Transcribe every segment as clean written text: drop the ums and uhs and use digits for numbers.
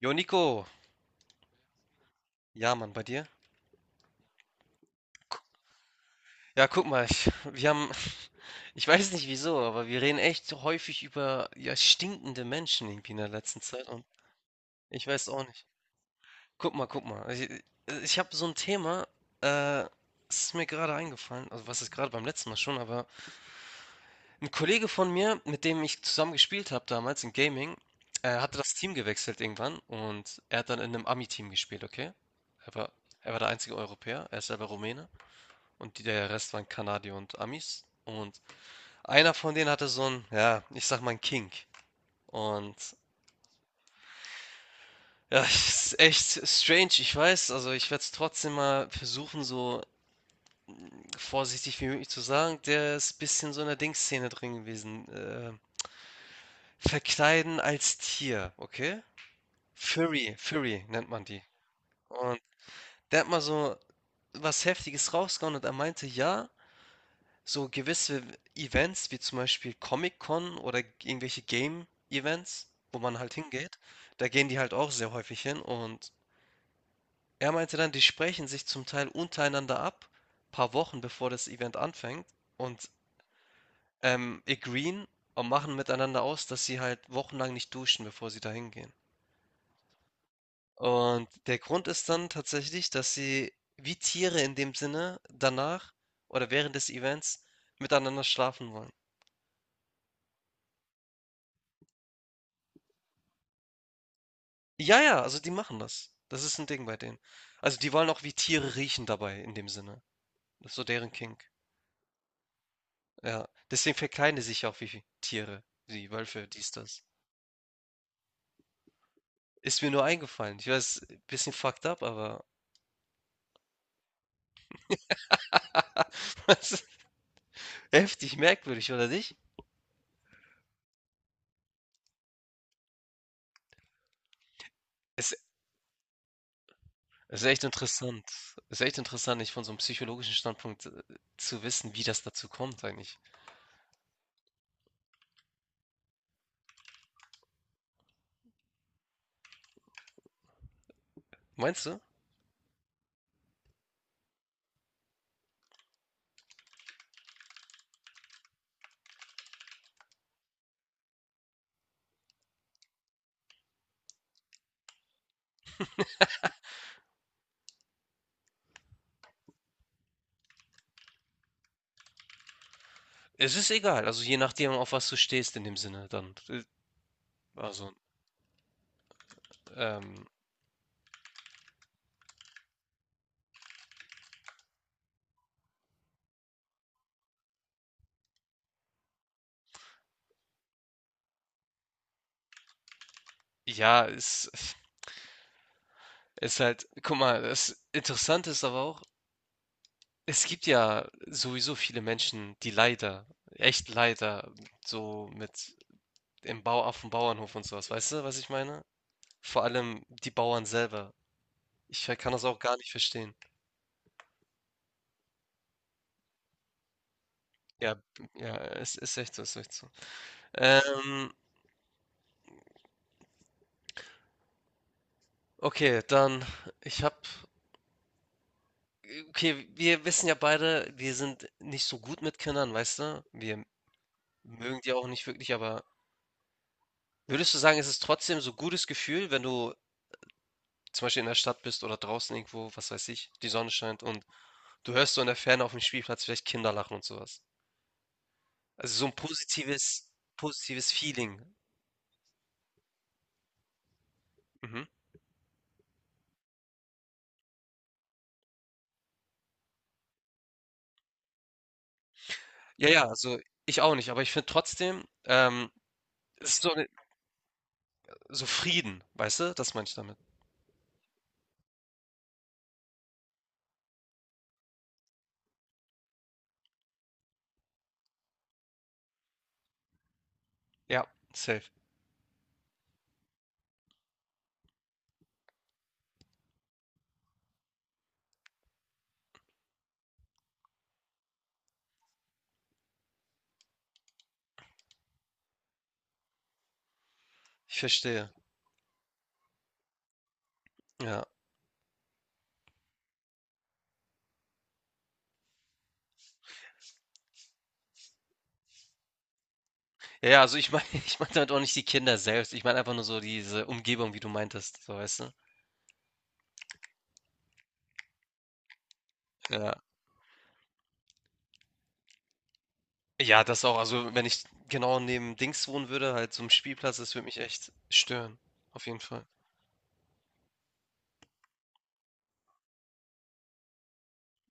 Jo, Nico. Ja, Mann, bei dir? Gu- Ja, guck mal, ich, wir haben, ich weiß nicht wieso, aber wir reden echt so häufig über ja, stinkende Menschen irgendwie in der letzten Zeit und ich weiß auch nicht. Guck mal, guck mal. Ich habe so ein Thema, äh, es ist mir gerade eingefallen, also was ist gerade beim letzten Mal schon, aber ein Kollege von mir, mit dem ich zusammen gespielt habe damals in Gaming, hatte das Team gewechselt irgendwann und er hat dann in einem Ami-Team gespielt, okay? Er war, er war der einzige Europäer, er ist selber Rumäne. Und die, der Rest waren Kanadier und Amis. Und einer von denen hatte so ein, ja, ich sag mal ein Kink. Und ja, ist echt strange, ich weiß. Also ich werde es trotzdem mal versuchen, so vorsichtig wie möglich zu sagen. Der ist ein bisschen so in der Dingsszene drin gewesen. Verkleiden als Tier, okay? Furry, Furry nennt man die. Und der hat mal so was Heftiges rausgehauen und er meinte, ja, so gewisse Events wie zum Beispiel Comic-Con oder irgendwelche Game-Events, wo man halt hingeht, da gehen die halt auch sehr häufig hin und er meinte dann, die sprechen sich zum Teil untereinander ab, paar Wochen bevor das Event anfängt und agreeen und machen miteinander aus, dass sie halt wochenlang nicht duschen, bevor sie da hingehen. Und der Grund ist dann tatsächlich, dass sie wie Tiere in dem Sinne danach oder während des Events miteinander schlafen wollen. Ja, ja, also die machen das. Das ist ein Ding bei denen. Also, die wollen auch wie Tiere riechen dabei in dem Sinne. Das ist so deren Kink. Ja, deswegen verkleiden die sich ja auch wie Tiere, wie Wölfe, dies, das. Ist mir nur eingefallen. Ich weiß, ein bisschen fucked up, aber das ist heftig merkwürdig, oder nicht? Ist ist echt interessant. Es ist echt interessant, nicht von so einem psychologischen Standpunkt, zu wissen, wie das dazu kommt eigentlich. Meinst du? Es ist egal, also je nachdem, auf was du stehst in dem Sinne dann. Also, ähm, ja, es ist halt guck mal, das Interessante ist aber auch, es gibt ja sowieso viele Menschen, die leider, echt leider, so mit im Bau auf dem Bauernhof und sowas, weißt du, was ich meine? Vor allem die Bauern selber. Kann das auch gar nicht verstehen. Ja, ja, es ist echt so, es ist echt so. Ähm, okay, dann, ich hab, okay, wir wissen ja beide, wir sind nicht so gut mit Kindern, weißt du? Wir mögen die auch nicht wirklich, aber würdest du sagen, ist trotzdem so ein gutes Gefühl, wenn du zum Beispiel in der Stadt bist oder draußen irgendwo, was weiß ich, die Sonne scheint und du hörst so in der Ferne auf dem Spielplatz vielleicht Kinder lachen und sowas? Also so ein positives Feeling. Mhm. Ja, ja, also ich auch nicht, aber ich finde trotzdem, es ist so 'ne so Frieden, weißt du? Das meine ich damit. Ja, safe. Ich verstehe. Ja. Ja, ja, also ich meine, ich meine damit auch nicht die Kinder selbst. Ich meine einfach nur so diese Umgebung, wie du meintest, so, weißt du? Ja. Ja, das auch. Also, wenn ich genau neben Dings wohnen würde, halt so 'n Spielplatz, das würde mich echt stören. Auf jeden Fall.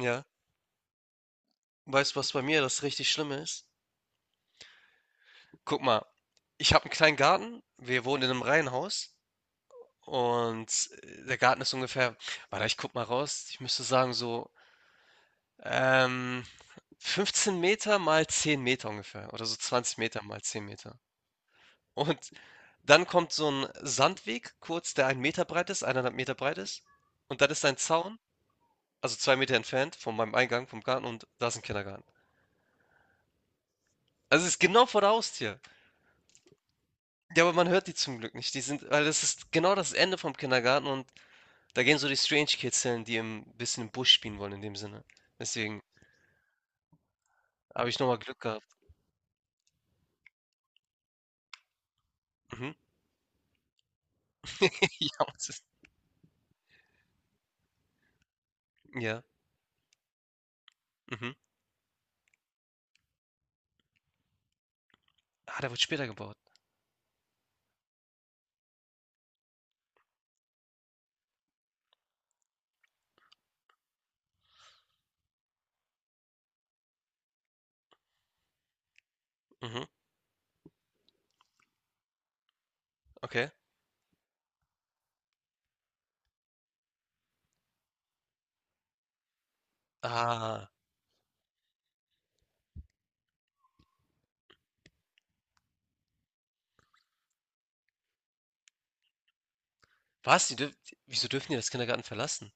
Ja. Weißt du, was bei mir das richtig Schlimme ist? Guck mal, ich habe einen kleinen Garten. Wir wohnen in einem Reihenhaus und, der Garten ist ungefähr, warte, ich gucke mal raus. Ich müsste sagen, so, ähm, 15 Meter mal 10 Meter ungefähr oder so 20 Meter mal 10 Meter. Und dann kommt so ein Sandweg kurz, der 1 Meter breit ist, eineinhalb Meter breit ist und dann ist ein Zaun, also 2 Meter entfernt von meinem Eingang vom Garten und da ist ein Kindergarten. Also, es ist genau vor der Haustür. Ja, aber man hört die zum Glück nicht. Die sind, weil das ist genau das Ende vom Kindergarten und da gehen so die Strange Kids hin, die ein bisschen im Busch spielen wollen in dem Sinne. Deswegen habe ich nochmal Glück gehabt. Mhm. Ja, und das, ja, mhm. Ah, der wird später gebaut. Mhm, okay. Ah, was? Die dürf wieso dürfen die das Kindergarten verlassen?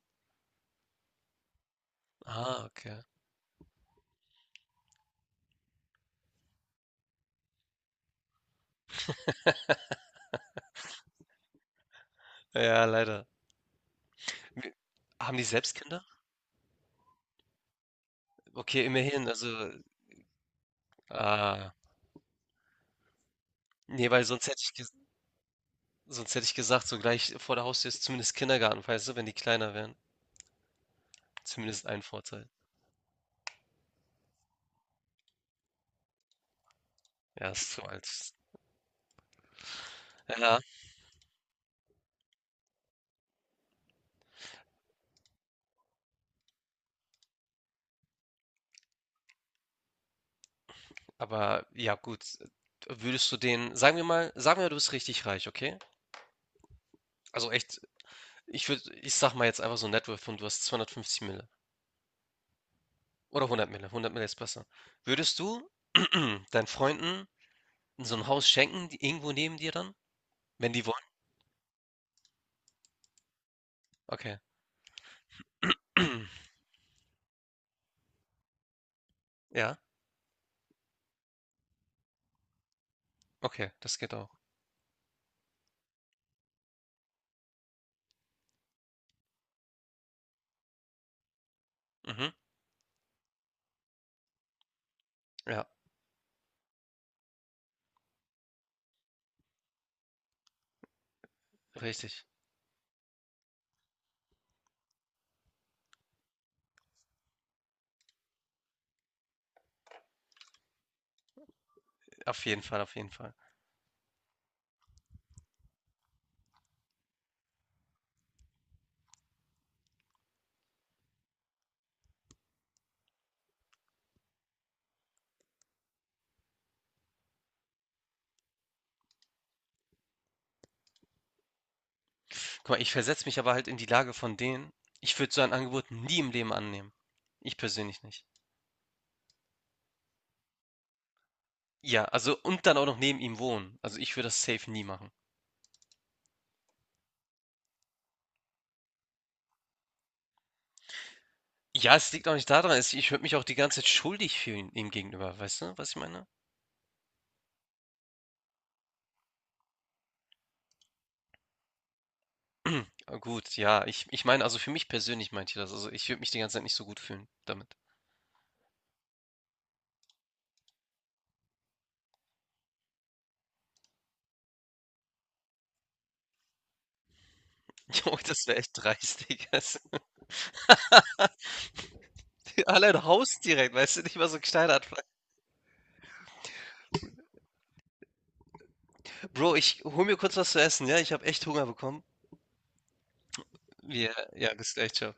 Ah, okay. Ja, leider. Wi haben die selbst Kinder? Okay, immerhin, also ah, ne, weil sonst hätte ich gesagt, so gleich vor der Haustür ist zumindest Kindergarten, weißt du, wenn die kleiner wären. Zumindest ein Vorteil. Ja, ist zu alt. Ja, aber ja, gut. Würdest du den, sagen wir mal, sagen wir, du bist richtig reich, okay? Also echt, ich sag mal jetzt einfach so ein Net Worth und du hast 250 Mille. Oder 100 Mille, 100 Mille ist besser. Würdest du deinen Freunden so ein Haus schenken, die irgendwo neben dir dann? Wenn die wollen? Okay. Ja, okay, das geht auch. Mhm. Ja, richtig. Auf jeden Fall, auf jeden Fall. Guck mal, ich versetze mich aber halt in die Lage von denen. Ich würde so ein Angebot nie im Leben annehmen. Ich persönlich nicht. Ja, also und dann auch noch neben ihm wohnen. Also ich würde das safe nie machen. Ja, es liegt auch nicht daran, es- ich würde mich auch die ganze Zeit schuldig fühlen ihm gegenüber, weißt du, was ich meine? Ah, gut, ja, ich meine, also für mich persönlich meinte ich das, also ich würde mich die ganze Zeit nicht so gut fühlen damit. Jo, das wäre echt dreist, Digga. Das- Allein Haus direkt, weißt du, nicht mal so ein kleiner Anfang. Bro, ich hol mir kurz was zu essen, ja, ich habe echt Hunger bekommen. Ja, ja, bis gleich, ciao.